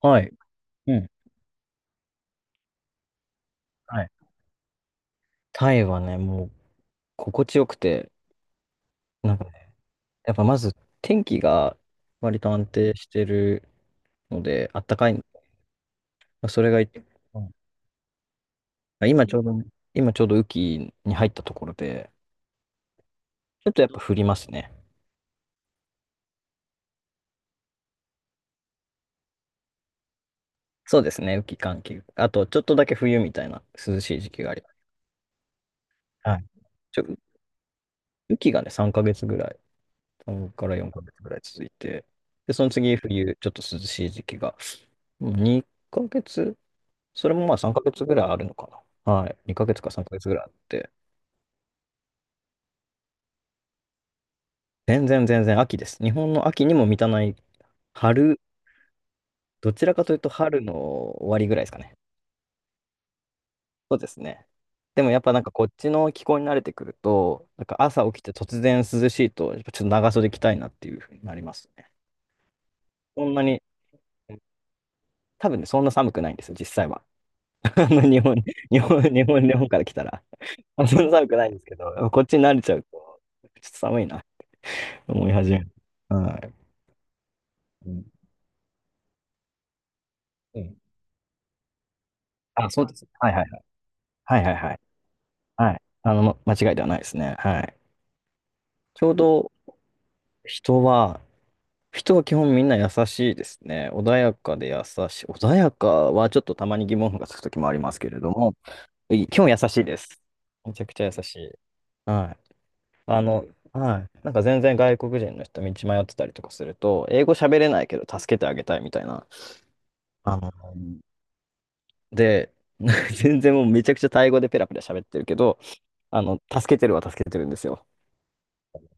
はい。うん。はい。タイはね、もう心地よくて、なんか、やっぱまず天気が割と安定してるので、あったかいの。それがい、うん。今ちょうどね、今ちょうど雨季に入ったところで、ちょっとやっぱ降りますね。そうですね、雨季、寒季。あと、ちょっとだけ冬みたいな涼しい時期があります。はい。ちょ、雨季がね、3ヶ月ぐらい、3から4ヶ月ぐらい続いて、で、その次冬、ちょっと涼しい時期が、2ヶ月、それもまあ3ヶ月ぐらいあるのかな。はい。2ヶ月か3ヶ月ぐらいあって。全然全然秋です。日本の秋にも満たない春、どちらかというと春の終わりぐらいですかね。そうですね。でもやっぱなんかこっちの気候に慣れてくると、なんか朝起きて突然涼しいと、やっぱちょっと長袖着たいなっていうふうになりますね。そんなに、多分ね、そんな寒くないんですよ、実際は。あの日本、日本、日本、日本から来たら。あそんな寒くないんですけど、こっちに慣れちゃうと、ちょっと寒いな、思い始める。はい。うん。あ、そうです。はいはいはい。はいはいはい。はい。あの、間違いではないですね。はい。ちょうど人は、人は基本みんな優しいですね。穏やかで優しい。穏やかはちょっとたまに疑問符がつくときもありますけれども、い基本優しいです。めちゃくちゃ優しい。はい。あの、はい。なんか全然外国人の人道迷ってたりとかすると、英語喋れないけど助けてあげたいみたいな。あの、で、全然もうめちゃくちゃタイ語でペラペラ喋ってるけど、あの、助けてるは助けてるんですよ。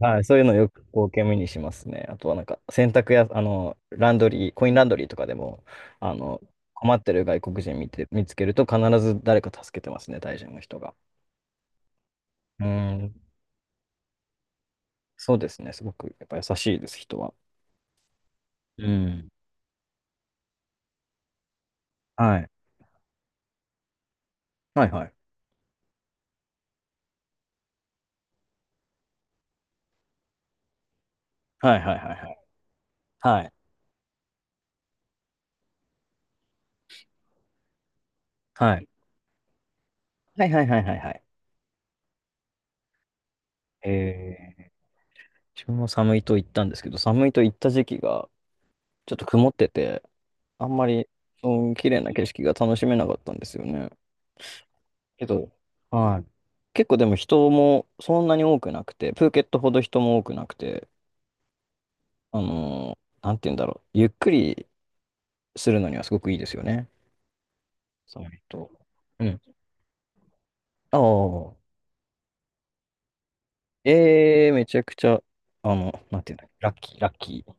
はい、そういうのよく光景目にしますね。あとはなんか洗濯や、あの、ランドリー、コインランドリーとかでも、あの、困ってる外国人見つけると必ず誰か助けてますね、タイ人の人が。うん、そうですね。すごくやっぱ優しいです、人は。うん。はい。はいはい。はいはいはいはい。はい。はいはいはいはいはい。えー、自分も寒いと行ったんですけど、寒いと行った時期がちょっと曇ってて、あんまり、うん、綺麗な景色が楽しめなかったんですよね。けど、はい。結構でも人もそんなに多くなくて、プーケットほど人も多くなくて、あの、ーなんて言うんだろう。ゆっくりするのにはすごくいいですよね。そうえっと。うん。ああ。ええめちゃくちゃ、あの、なんて言うんだっけ、ラッキー、ラッキー。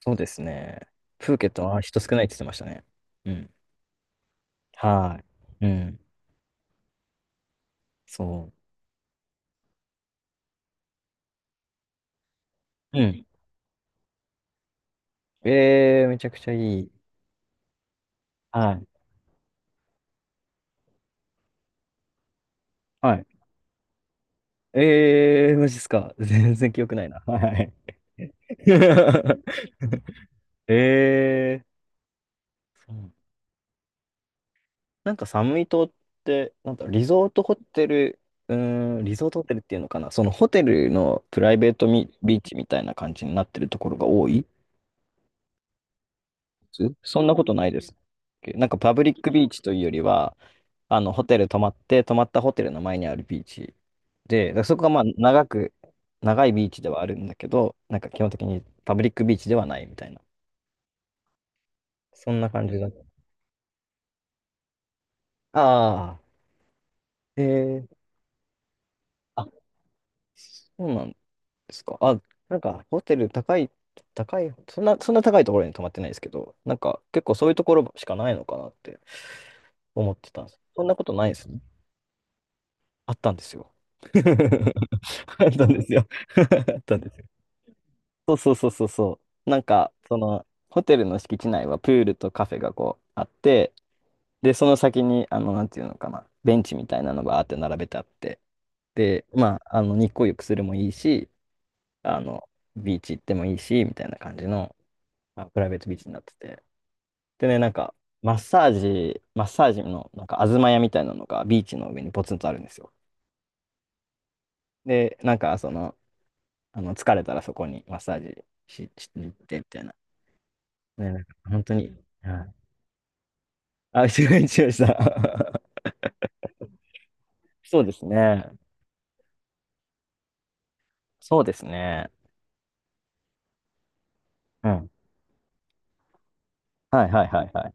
そうですね。プーケットは人少ないって言ってましたね。うん。はい。うん。そう。うん。ええめちゃくちゃいい。はい。はい。ええマジっすか。全然記憶ないな。はい。ええそう。なんかサムイ島って、なんだ、リゾートホテル、うーん、リゾートホテルっていうのかな、そのホテルのプライベートミビーチみたいな感じになってるところが多いです。そんなことないです。なんかパブリックビーチというよりは、あの、ホテル泊まって、泊まったホテルの前にあるビーチで、だからそこがまあ、長く、長いビーチではあるんだけど、なんか基本的にパブリックビーチではないみたいな、そんな感じだ。ああ、ええ、あ、そうなんだ。ですか。あ、なんか、ホテル高い、高い、そんな高いところに泊まってないですけど、なんか、結構そういうところしかないのかなって思ってたんです。そんなことないですね。あったんですよ。あったんですよ。あったんですよ。そうそうそうそう。なんか、その、ホテルの敷地内はプールとカフェがこうあって、で、その先に、あの、なんていうのかな、ベンチみたいなのがあって並べてあって、で、まあ、あの、日光浴するもいいし、あの、ビーチ行ってもいいし、みたいな感じの、まあ、プライベートビーチになってて。でね、なんか、マッサージの、なんか、東屋みたいなのがビーチの上にポツンとあるんですよ。で、なんか、その、あの疲れたらそこにマッサージしに行ってみたいな。ね、なんか、本当に。はい。あ、一応、一応した。そうですね。そうですね。うん。はいはいはいはい。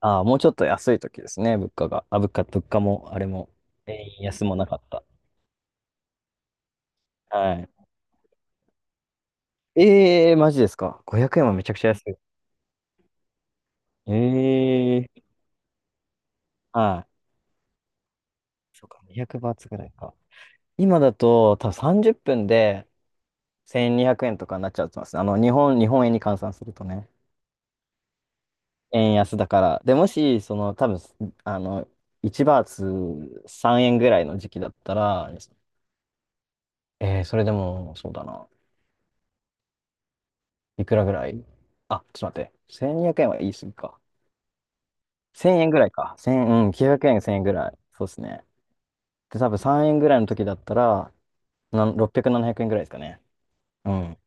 ああ、もうちょっと安い時ですね、物価が。あ、物価も、あれも、円安もなかった。はい。ええー、マジですか。500円はめちゃくちゃ安い。ええー、はい。そうか、200バーツぐらいか。今だと、多分30分で1200円とかになっちゃうと思いますね。あの、日本円に換算するとね。円安だから。で、もし、その、多分、あの、1バーツ3円ぐらいの時期だったら、えー、それでも、そうだな。いくらぐらい、あ、ちょっと待って。1200円は言い過ぎか。1000円ぐらいか。1000、うん、900円、1000円ぐらい。そうですね。で、多分3円ぐらいの時だったら、なん600、700円ぐらいですかね。うん。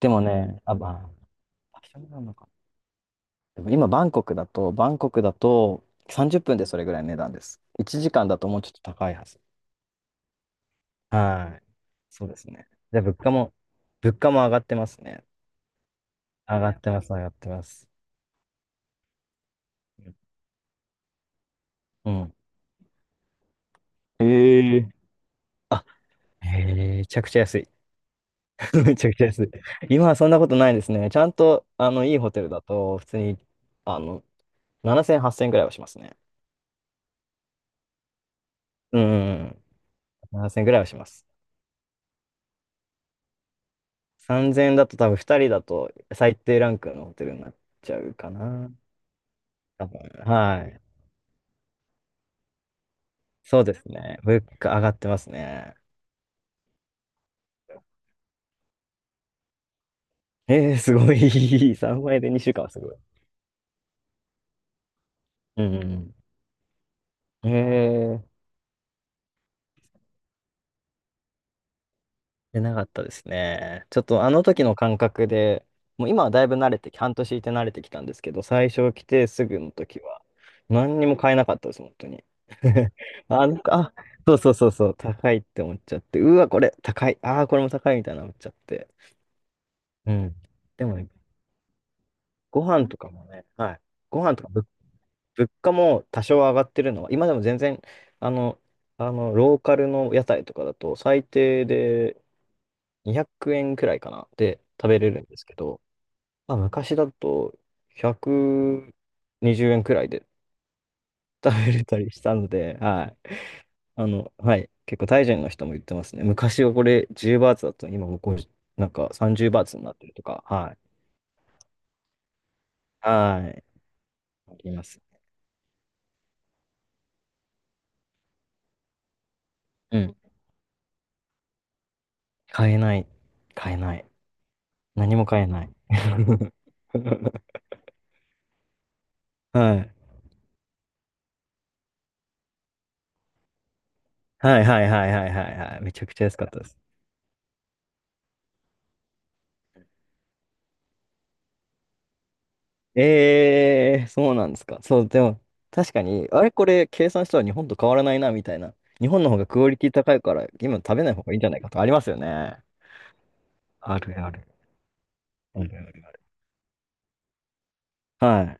でもね、あ、まあ、場所なのか、でも今、バンコクだと30分でそれぐらいの値段です。1時間だともうちょっと高いはず。はい。そうですね。で、物価も上がってますね。上がってます、上がってます。うん。ええ。あ、え、めちゃくちゃ安い。めちゃくちゃ安い。今はそんなことないですね。ちゃんと、あの、いいホテルだと、普通に、あの、7000、8000ぐらいはしますね。うんうんうん。7000ぐらいはします。3000だと多分2人だと最低ランクのホテルになっちゃうかな。多分、はい。そうですね。物価上がってますね。えー、すごい。3倍で2週間はすごい。うん。えー、出なかったですね。ちょっとあの時の感覚で、もう今はだいぶ慣れてき、半年いて慣れてきたんですけど、最初来てすぐの時は、何にも買えなかったです、本当に。あ、なんか、あ、そうそうそうそう、高いって思っちゃって、うわ、これ高い、ああ、これも高いみたいな思っちゃって。うん。でもね、ご飯とかもね、はい。ご飯とか物価も多少上がってるのは、今でも全然、あの、あの、ローカルの屋台とかだと、最低で200円くえんくらいかな、で食べれるんですけど、まあ、昔だと120円くにじゅうえんくらいで食べれたりしたので、はい。あの、はい。結構、タイ人の人も言ってますね。昔はこれ10バーツだったのに、今もうこう、なんか30バーツになってるとか、はい。はい。あります。うん。買えない。買えない。何も買えない。はい。はいはいはいはいはいはい。めちゃくちゃ安かったです。えー、そうなんですか。そう、でも、確かに、あれこれ計算したら日本と変わらないな、みたいな。日本の方がクオリティ高いから、今食べない方がいいんじゃないかとかありますよね。あるある。あるある。は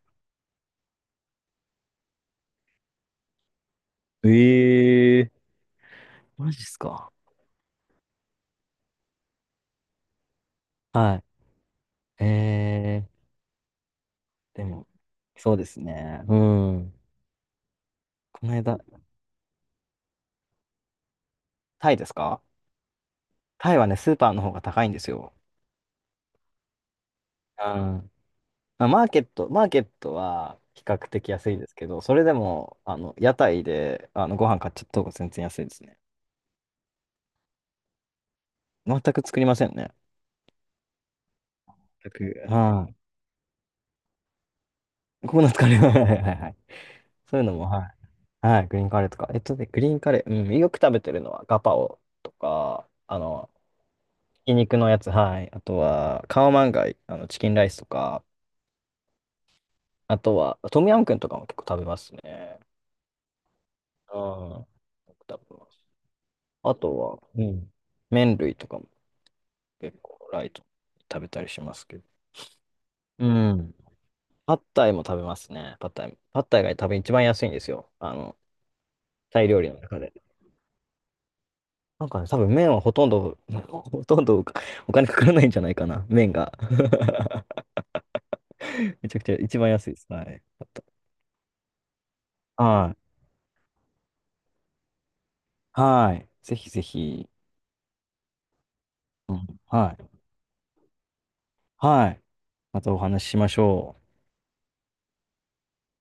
い。えー、マジっすか。はい。えーでも、そうですね。うん。この間、タイですか。タイはね、スーパーの方が高いんですよ。ー、ん、まあマーケットは比較的安いですけど、それでも、あの、屋台で、あの、ご飯買っちゃった方が全然安いですね。全く作りませんね。全く、はい。ココナッツカレーは、いはいはいはい。そういうのも、はい。はい、グリーンカレーとか。えっとね、グリーンカレー、うん、よく食べてるのはガパオとか、あの、ひき肉のやつ、はい。あとは、カオマンガイ、あの、チキンライスとか、あとは、トムヤムクンとかも結構食べますね。うん。よく食べます。あとは、うん。麺類とかも。結構ライトに食べたりしますけど。うん。パッタイも食べますね。パッタイ。パッタイが多分一番安いんですよ。あの、タイ料理の中で。なんかね、多分麺はほとんど、ほとんどお金かからないんじゃないかな。麺が。めちゃくちゃ一番安いです。はい。パッタイ、はい。はい。ぜひぜひ。うん、はい。はい。またお話ししましょう。